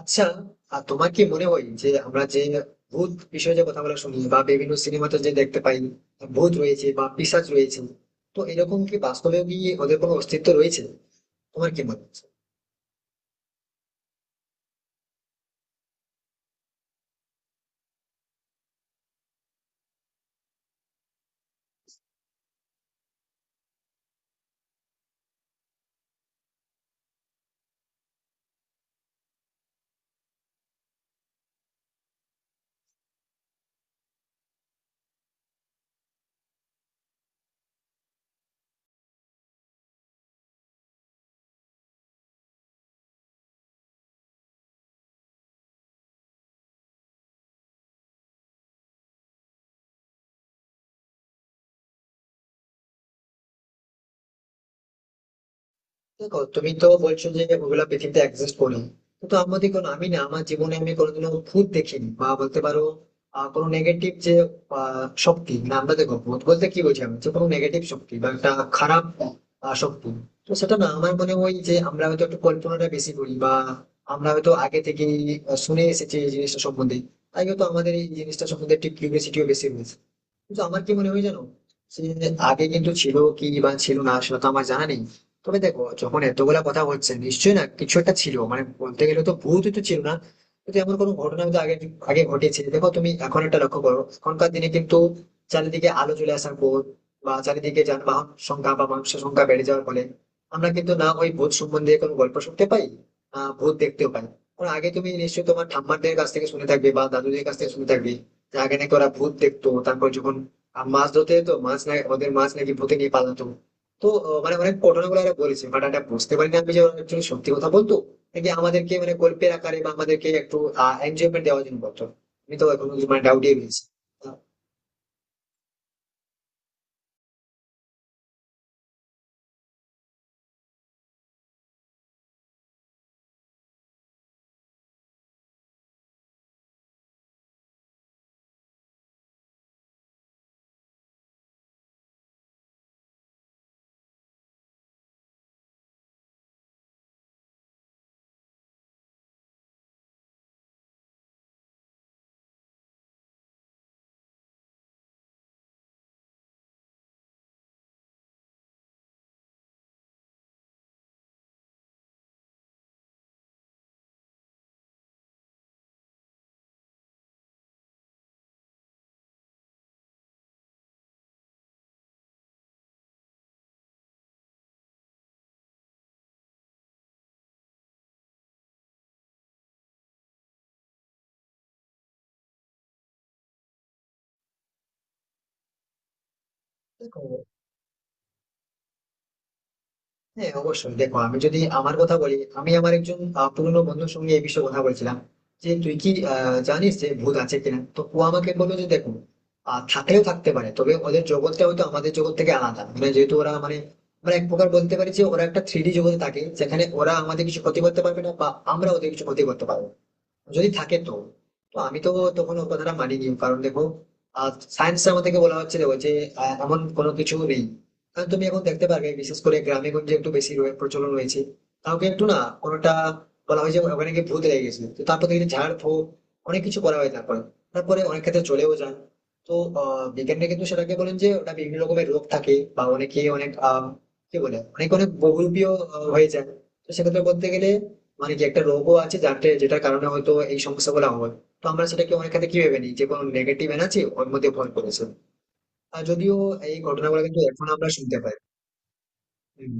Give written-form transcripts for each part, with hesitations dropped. আচ্ছা। আর তোমার কি মনে হয় যে আমরা যে ভূত বিষয়ে যে কথাগুলো শুনি বা বিভিন্ন সিনেমাতে যে দেখতে পাই, ভূত রয়েছে বা পিশাচ রয়েছে, তো এরকম কি বাস্তবেও কি ওদের কোনো অস্তিত্ব রয়েছে? তোমার কি মনে হয়? দেখো, তুমি তো বলছো যে ওগুলা পৃথিবীতে এক্সিস্ট করে, কিন্তু আমাদের কোনো আমি না আমার জীবনে আমি কোনোদিনও ভূত দেখিনি বা বলতে পারো কোনো নেগেটিভ যে শক্তি না, আমরা দেখো ভূত বলতে কি বলছি, আমি যে কোনো নেগেটিভ শক্তি বা একটা খারাপ শক্তি। তো সেটা না, আমার মনে হয় যে আমরা হয়তো একটু কল্পনাটা বেশি করি, বা আমরা হয়তো আগে থেকে শুনে এসেছি এই জিনিসটা সম্বন্ধে, তাই হয়তো আমাদের এই জিনিসটা সম্বন্ধে একটু কিউরিয়াসিটিও বেশি রয়েছে। কিন্তু আমার কি মনে হয় জানো, সে আগে কিন্তু ছিল কি বা ছিল না সেটা তো আমার জানা নেই। তবে দেখো, যখন এতগুলা কথা হচ্ছে নিশ্চয়ই না কিছু একটা ছিল, মানে বলতে গেলে তো ভূত তো ছিল না, কিন্তু এমন কোনো ঘটনা তো আগে আগে ঘটেছে। দেখো তুমি এখন একটা লক্ষ্য করো, এখনকার দিনে কিন্তু চারিদিকে আলো চলে আসার পর বা চারিদিকে যানবাহন সংখ্যা বা মানুষের সংখ্যা বেড়ে যাওয়ার ফলে আমরা কিন্তু না ওই ভূত সম্বন্ধে কোনো গল্প শুনতে পাই, না ভূত দেখতেও পাই। কারণ আগে তুমি নিশ্চয়ই তোমার ঠাম্মাদের কাছ থেকে শুনে থাকবে বা দাদুদের কাছ থেকে শুনে থাকবে যে আগে নাকি ওরা ভূত দেখতো, তারপর যখন মাছ ধরতে যেত, মাছ না ওদের মাছ নাকি ভূতে নিয়ে পালাতো। তো মানে অনেক ঘটনাগুলো এরা বলেছে, বাট এটা বুঝতে পারিনি আমি যে ওরা actually সত্যি কথা বলতো নাকি আমাদেরকে মানে গল্পের আকারে বা আমাদেরকে একটু এনজয়মেন্ট দেওয়ার জন্য বলতো। আমি তো এখন মানে ডাউটই রয়েছি। আহ, দেখো, হ্যাঁ অবশ্যই। দেখো আমি যদি আমার কথা বলি, আমি আমার একজন পুরনো বন্ধুর সঙ্গে এই বিষয়ে কথা বলছিলাম যে তুই কি জানিস যে ভূত আছে কিনা। তো ও আমাকে বললো যে দেখো, থাকলেও থাকতে পারে, তবে ওদের জগৎটা হয়তো আমাদের জগৎ থেকে আলাদা, মানে যেহেতু ওরা মানে আমরা এক প্রকার বলতে পারি যে ওরা একটা থ্রি ডি জগতে থাকে, যেখানে ওরা আমাদের কিছু ক্ষতি করতে পারবে না বা আমরা ওদের কিছু ক্ষতি করতে পারবো না, যদি থাকে তো। তো আমি তো তখন ওর কথাটা মানিনি, কারণ দেখো সায়েন্সের আমাদেরকে বলা হচ্ছিল যে এমন কোনো কিছু নেই। কারণ তুমি এখন দেখতে পারবে, বিশেষ করে গ্রামে গঞ্জে একটু বেশি প্রচলন রয়েছে। কাউকে একটু না কোনোটা বলা হয় যে ওখানে গিয়ে ভূত লেগে গেছে, তো তারপর দেখি ঝাড় ফুঁক অনেক কিছু করা হয়, তারপরে তারপরে অনেক ক্ষেত্রে চলেও যান। তো আহ, বিজ্ঞানীরা কিন্তু সেটাকে বলেন যে ওটা বিভিন্ন রকমের রোগ থাকে, বা অনেকে অনেক কি বলে, অনেক অনেক বহুরূপীয় হয়ে যায়। তো সেক্ষেত্রে বলতে গেলে মানে যে একটা রোগও আছে যাতে যেটার কারণে হয়তো এই সমস্যাগুলো হয়, তো আমরা সেটাকে অনেক ক্ষেত্রে কি ভেবে নিই যে কোনো নেগেটিভ এনার্জি ওর মধ্যে ভর করেছে। আর যদিও এই ঘটনাগুলো কিন্তু এখন আমরা শুনতে পাই। হম।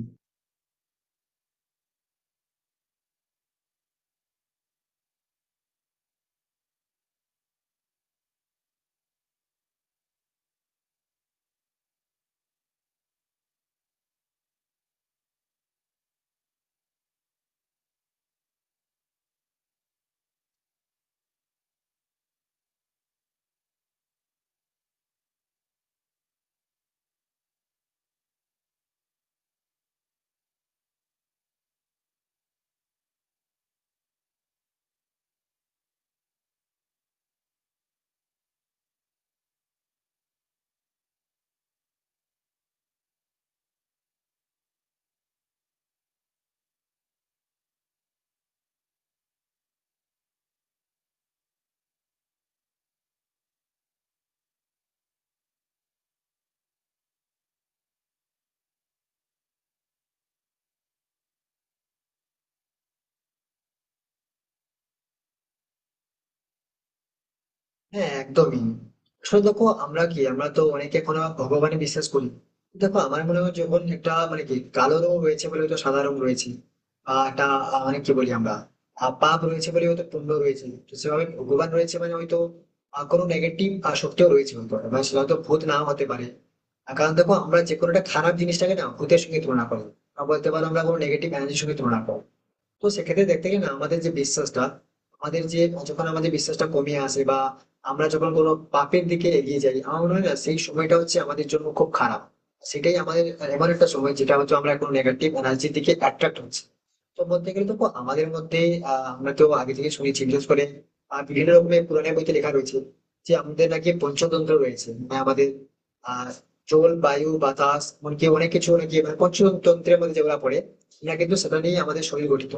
হ্যাঁ, একদমই। আসলে দেখো, আমরা কি আমরা তো অনেকে এখনো ভগবানে বিশ্বাস করি। দেখো আমার মনে হয়, যখন একটা মানে কি কালো রং রয়েছে বলে হয়তো সাদা রং রয়েছে, বা একটা মানে কি বলি আমরা, পাপ রয়েছে বলে হয়তো পুণ্য রয়েছে, তো সেভাবে ভগবান রয়েছে মানে হয়তো কোনো নেগেটিভ শক্তিও রয়েছে। হয়তো এবার সেটা হয়তো ভূত নাও হতে পারে আর, কারণ দেখো আমরা যে কোনো একটা খারাপ জিনিসটাকে না ভূতের সঙ্গে তুলনা করবো, বা বলতে পারো আমরা কোনো নেগেটিভ এনার্জির সঙ্গে তুলনা করবো। তো সেক্ষেত্রে দেখতে গেলে না আমাদের যে বিশ্বাসটা, আমাদের যে, যখন আমাদের বিশ্বাসটা কমিয়ে আসে বা আমরা যখন কোনো পাপের দিকে এগিয়ে যাই, আমার মনে হয় না সেই সময়টা হচ্ছে আমাদের জন্য খুব খারাপ। সেটাই আমাদের এমন একটা সময় যেটা হচ্ছে আমরা কোনো নেগেটিভ এনার্জির দিকে অ্যাট্রাক্ট হচ্ছি। তো বলতে গেলে দেখো আমাদের মধ্যে আহ আমরা তো আগে থেকে শুনেছি, বিশেষ করে বিভিন্ন রকমের পুরাণের বইতে লেখা রয়েছে যে আমাদের নাকি পঞ্চতন্ত্র রয়েছে, মানে আমাদের আহ জল বায়ু বাতাস এমনকি অনেক কিছু নাকি মানে পঞ্চতন্ত্রের মধ্যে যেগুলো পড়ে, এরা কিন্তু সেটা নিয়ে আমাদের শরীর গঠিত।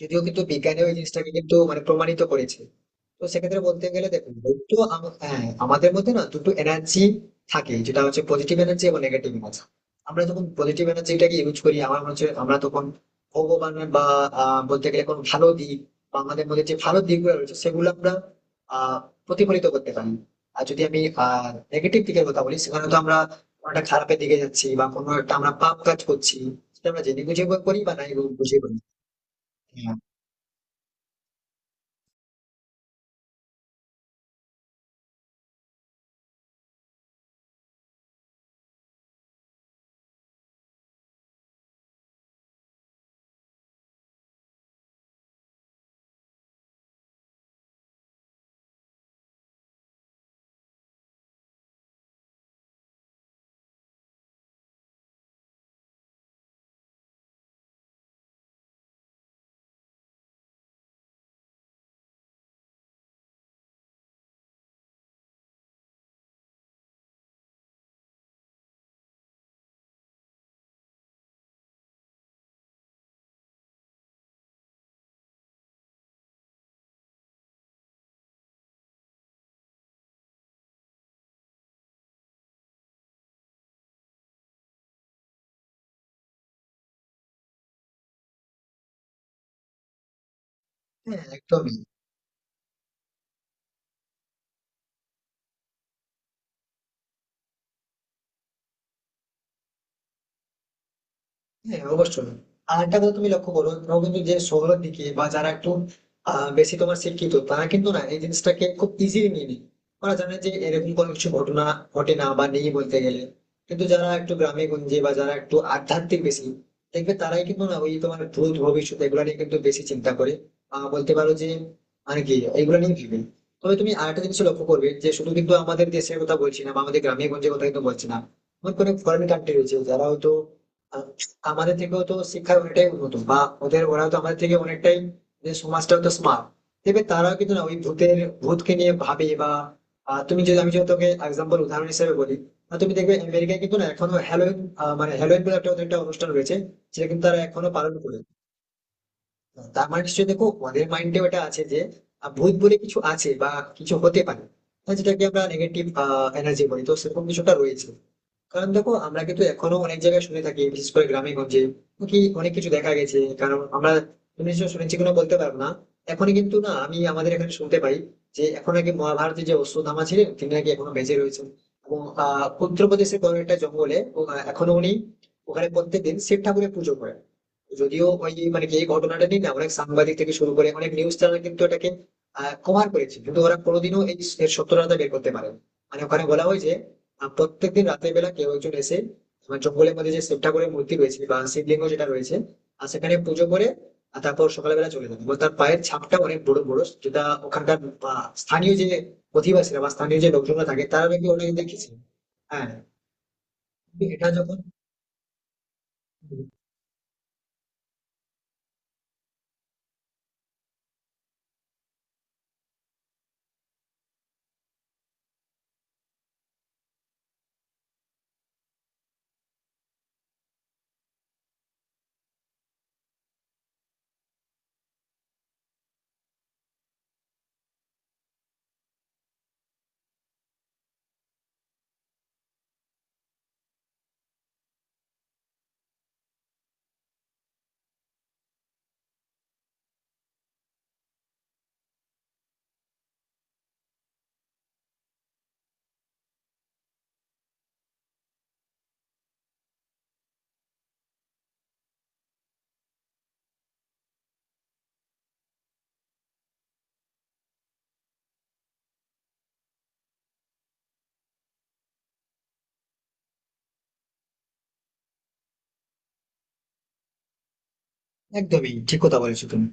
যদিও কিন্তু বিজ্ঞানে ওই জিনিসটাকে কিন্তু মানে প্রমাণিত করেছে। তো সেক্ষেত্রে বলতে গেলে দেখুন, হ্যাঁ, আমাদের মধ্যে না দুটো এনার্জি থাকে যেটা হচ্ছে পজিটিভ এনার্জি এবং নেগেটিভ এনার্জি। আমরা যখন পজিটিভ এনার্জিটাকে ইউজ করি, আমার মনে হচ্ছে আমরা তখন ভগবান বা বলতে গেলে কোনো ভালো দিক, বা আমাদের মধ্যে যে ভালো দিকগুলো রয়েছে সেগুলো আমরা আহ প্রতিফলিত করতে পারি। আর যদি আমি নেগেটিভ দিকের কথা বলি, সেখানে তো আমরা কোনো একটা খারাপের দিকে যাচ্ছি বা কোনো একটা আমরা পাপ কাজ করছি, সেটা আমরা জেনে বুঝে করি বা নাই বুঝে করি। হ্যাঁ, হ্যাঁ, একদমই। হ্যাঁ, অবশ্যই। আর একটা কথা তুমি লক্ষ্য করো, ধরো কিন্তু যে শহরের দিকে বা যারা একটু বেশি তোমার শিক্ষিত তারা কিন্তু না এই জিনিসটাকে খুব ইজিলি নিয়ে নেয়। ওরা জানে যে এরকম কোনো কিছু ঘটনা ঘটে না বা নেই বলতে গেলে। কিন্তু যারা একটু গ্রামে গঞ্জে বা যারা একটু আধ্যাত্মিক বেশি, দেখবে তারাই কিন্তু না ওই তোমার ভূত ভবিষ্যৎ এগুলো নিয়ে কিন্তু বেশি চিন্তা করে। আহ, বলতে পারো যে মানে কি এগুলো নিয়ে ভেবে। তবে তুমি আরেকটা জিনিস লক্ষ্য করবে যে শুধু কিন্তু আমাদের দেশের কথা বলছি না বা আমাদের গ্রামে গঞ্জের কথা কিন্তু বলছি না, এমন কোনো ফরেন কান্ট্রি রয়েছে যারা হয়তো আমাদের থেকেও তো শিক্ষায় অনেকটাই উন্নত, বা ওদের ওরাও তো আমাদের থেকে অনেকটাই, যে সমাজটাও তো স্মার্ট, দেখবে তারাও কিন্তু না ওই ভূতকে নিয়ে ভাবে বা, আহ, তুমি যদি আমি যদি তোকে এক্সাম্পল উদাহরণ হিসেবে বলি, তুমি দেখবে আমেরিকায় কিন্তু না এখনো হ্যালোইন, মানে হ্যালোইন বলে একটা ওদের একটা অনুষ্ঠান রয়েছে, সেটা কিন্তু তারা এখনো পালন করে। তার মানে নিশ্চয়ই দেখো ওদের মাইন্ডে ওটা আছে যে ভূত বলে কিছু আছে বা কিছু হতে পারে। হ্যাঁ, যেটাকে আমরা নেগেটিভ এনার্জি বলি, তো সেরকম কিছুটা রয়েছে। কারণ দেখো আমরা কিন্তু এখনো অনেক জায়গায় শুনে থাকি, বিশেষ করে গ্রামে গঞ্জে কি অনেক কিছু দেখা গেছে। কারণ আমরা, তুমি নিশ্চয় শুনেছি কিনা বলতে পারবো না, এখন কিন্তু না আমি আমাদের এখানে শুনতে পাই যে এখন নাকি মহাভারতের যে অশ্বত্থামা ছিলেন তিনি নাকি এখনো বেঁচে রয়েছেন, এবং আহ, উত্তরপ্রদেশের কোনো একটা জঙ্গলে এখনো উনি ওখানে প্রত্যেকদিন শিব ঠাকুরের পুজো করেন। যদিও ওই মানে কি এই ঘটনাটা নিয়ে না অনেক সাংবাদিক থেকে শুরু করে অনেক নিউজ চ্যানেল কিন্তু এটাকে কভার করেছে, কিন্তু ওরা কোনোদিনও এই এর সত্যতা বের করতে পারেন। মানে ওখানে বলা হয় যে প্রত্যেকদিন রাতের বেলা কেউ একজন এসে আমার জঙ্গলের মধ্যে যে শিবঠাকুরের মূর্তি রয়েছে বা শিবলিঙ্গ যেটা রয়েছে, আর সেখানে পুজো করে, আর তারপর সকালবেলা চলে যাবে। এবং তার পায়ের ছাপটা অনেক বড় বড়, যেটা ওখানকার স্থানীয় যে অধিবাসীরা বা স্থানীয় যে লোকজনরা থাকে তারা নাকি অনেক দেখেছে। হ্যাঁ, কিন্তু এটা যখন, একদমই ঠিক কথা বলেছো তুমি।